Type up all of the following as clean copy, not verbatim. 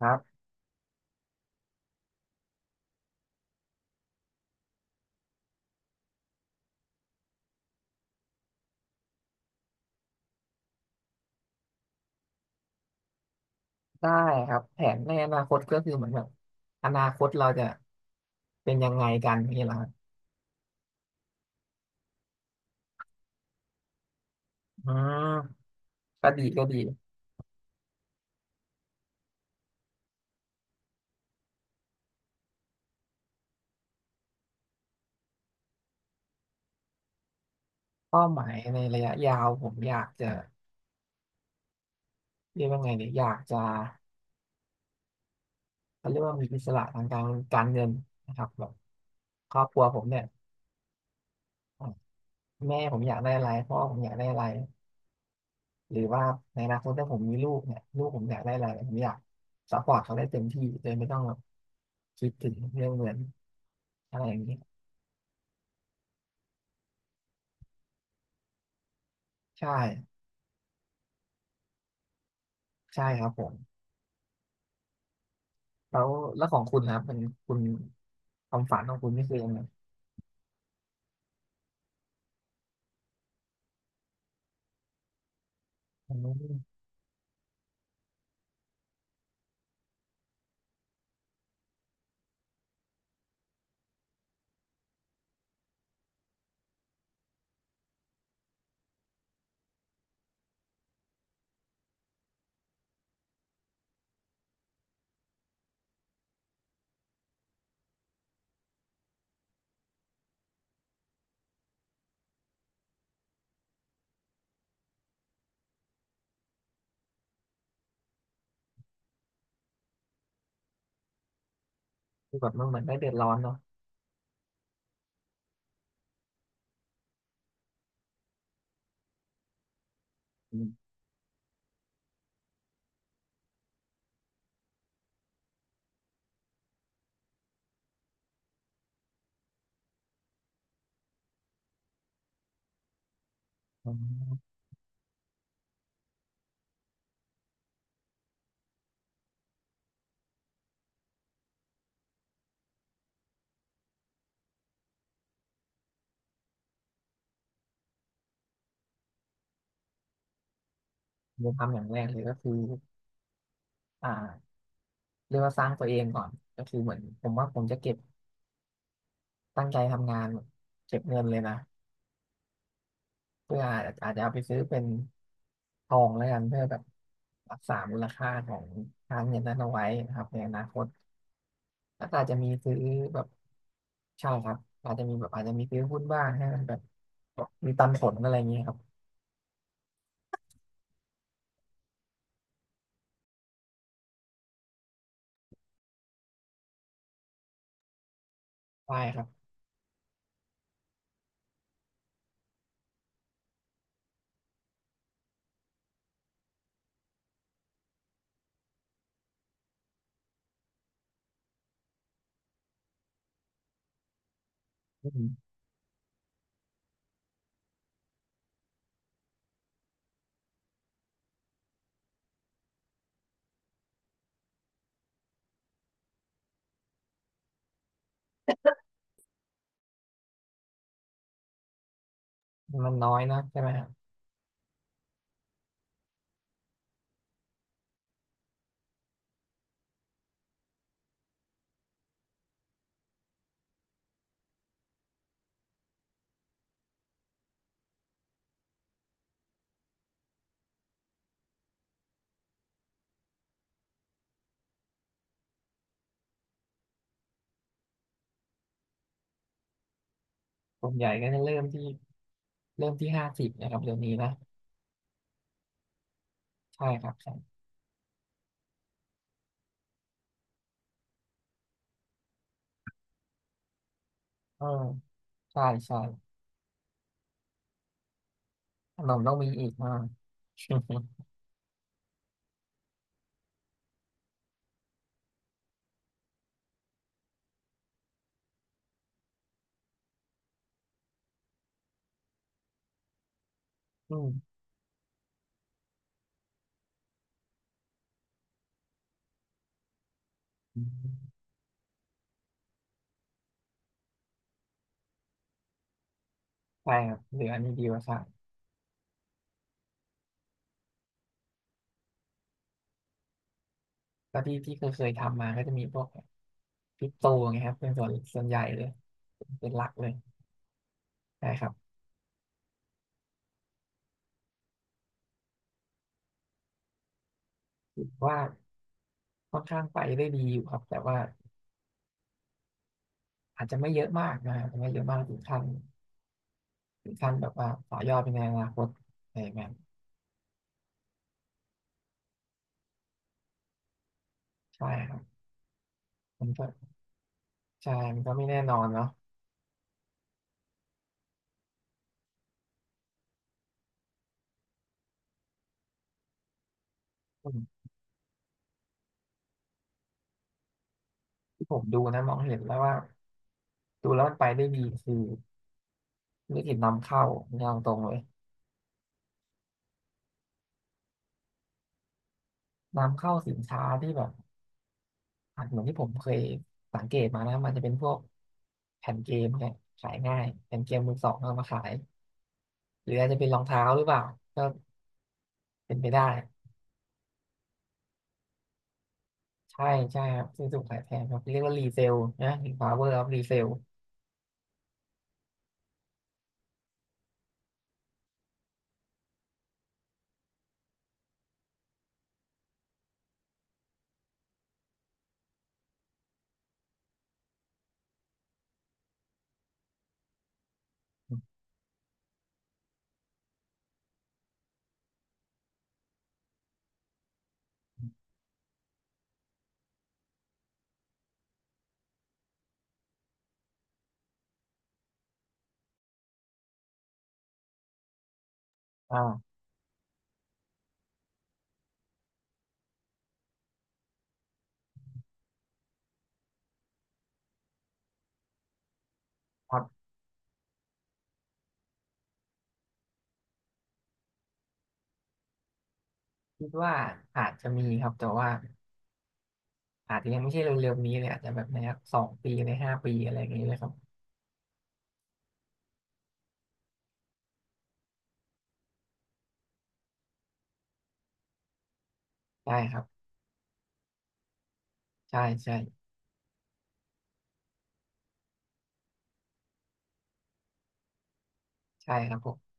ครับได้ครับแผนในอนาคตก็คือเหมือนแบบอนาคตเราจะเป็นยังไงกันนี่แหละครับอืมก็ดีก็ดีเป้าหมายในระยะยาวผมอยากจะเรียกว่าไงเนี่ยอยากจะเขาเรียกว่ามีอิสระทางการเงินนะครับแบบครอบครัวผมเนี่ยอ่ะแม่ผมอยากได้อะไรพ่อผมอยากได้อะไรหรือว่าในอนาคตถ้าผมมีลูกเนี่ยลูกผมอยากได้อะไรผมอยากซัพพอร์ตเขาได้เต็มที่โดยไม่ต้องแบบคิดถึงเรื่องเงินอะไรอย่างเงี้ยใช่ใช่ครับผม แล้วแล้วของคุณนะครับเป็นคุณความฝันของคุณนี่คือยังไงอืมคือแบบมันเหมือนได้เดือดร้อนเนาะอืมอืมผมทำอย่างแรกเลยก็คืออ่าเรียกว่าสร้างตัวเองก่อนก็คือเหมือนผมว่าผมจะเก็บตั้งใจทำงานเก็บเงินเลยนะเพื่ออาจจะเอาไปซื้อเป็นทองแล้วกันเพื่อแบบรักษามูลค่าของการเงินนั้นเอาไว้นะครับในอนาคต แล้วก็อาจจะมีซื้อแบบใช่ครับอาจจะมีแบบอาจจะมีซื้อหุ้นบ้างให้มันแบบมีปันผลอะไรอย่างเงี้ยครับใช่ครับอืมมันน้อยนะใช่ไหมครับส่วนใหญ่ก็จะเริ่มที่50นะครับเดี๋ยวนี้นะใช่ครับใช่เออใช่ใช่ขนมต้องมีอีกอ่า อืมอืมใช่ครับเหลืออันนี้ดีกว่าครับก็ที่เคยทำมาก็จะมีพวกคริปโตไงครับเป็นส่วนใหญ่เลยเป็นหลักเลยใช่ครับคิดว่า ค่อนข้างไปได้ดีอยู่ครับแต่ว่าอาจจะไม่เยอะมากนะอาจจะไม่เยอะมากถึงขั้นแบบว่าต่อยอดไปในอนาคตอะไรแบบนั้นใช่ครับมันก็ใช่มันก็ไม่แน่นอนเนาะอืมที่ผมดูนะมองเห็นแล้วว่าดูแล้วมันไปได้ดีคือธุรกิจนำเข้าเนี่ยเอาตรงเลยนำเข้าสินค้าที่แบบอาจเหมือนที่ผมเคยสังเกตมานะมันจะเป็นพวกแผ่นเกมเนี่ยขายง่ายแผ่นเกมมือสองเอามาขายหรืออาจจะเป็นรองเท้าหรือเปล่าก็เป็นไปได้ ใช่ใช่ครับซื้อถูกขายแพงครับเรียกว่ารีเซลนะหรือ power of resale อ่าครับคิดว่าอาจจะมีครับแต่ว่าอาจจะยังไม่ใช่เร็วๆนี้เลยอาจจะแบบใน2 ปีใน5 ปีอะไรอย่างนี้เลยครับใช่ครับใช่ใช่ใช่ครับผม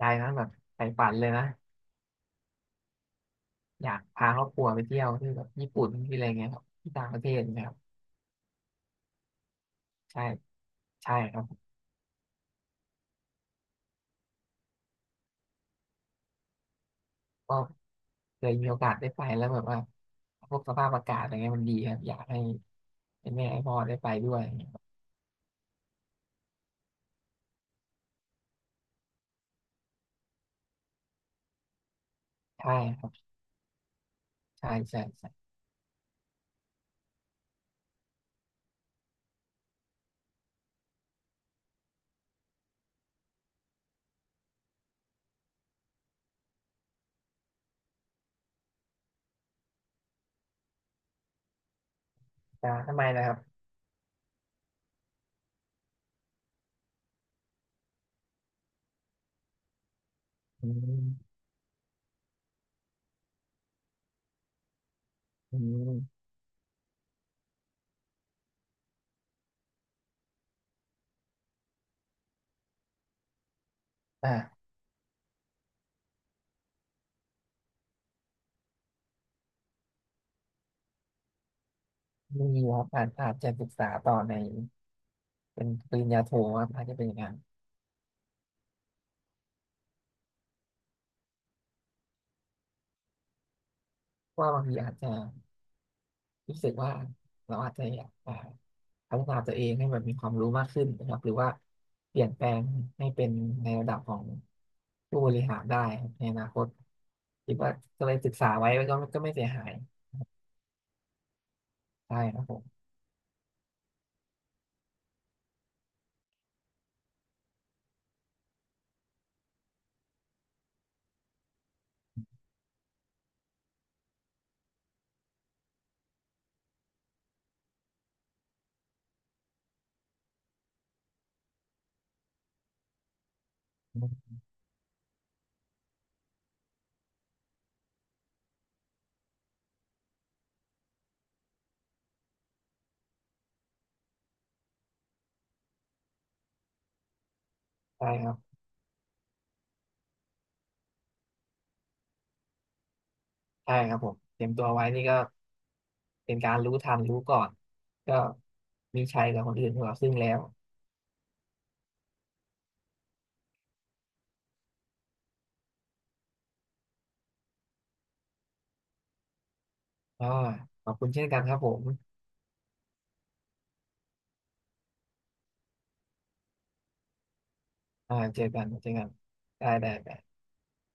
ยายนั้นแบบใฝ่ฝันเลยนะอยากพาครอบครัวไปเที่ยวที่แบบญี่ปุ่นที่อะไรเงี้ยครับที่ต่างประเทศนะครับใช่ใช่ครับก็เคยมีโอกาสได้ไปแล้วแบบว่าพวกสภาพอากาศอะไรเงี้ยมันดีครับอยากให้ให้แม่ให้พ่อได้ไปด้วย ใช่ครับใช่ใช่ใช่ทำไมนะครับอืมอืมอ่ามีครับอาจจะศึกษาต่อในเป็นปริญญาโทครับอาจจะเป็นอย่างนั้นเพราะว่าบางทีอาจจะรู้สึกว่าเราอาจจะอยากพัฒนาตัวเองให้แบบมีความรู้มากขึ้นนะครับหรือว่าเปลี่ยนแปลงให้เป็นในระดับของผู้บริหารได้ครับในอนาคตคิดว่าก็เลยศึกษาไว้ก็ไม่เสียหายใช่ครับผมใช่ครับ ใช่ครับผมเตรียมตัวไว้นี่ก็เป็นการรู้ทันรู้ก่อนก็มีชัยกับคนอื่นของเราซึ่งแล้วอ่าขอบคุณเช่นกันครับผมเจอกันเจอกันได้ได้ได้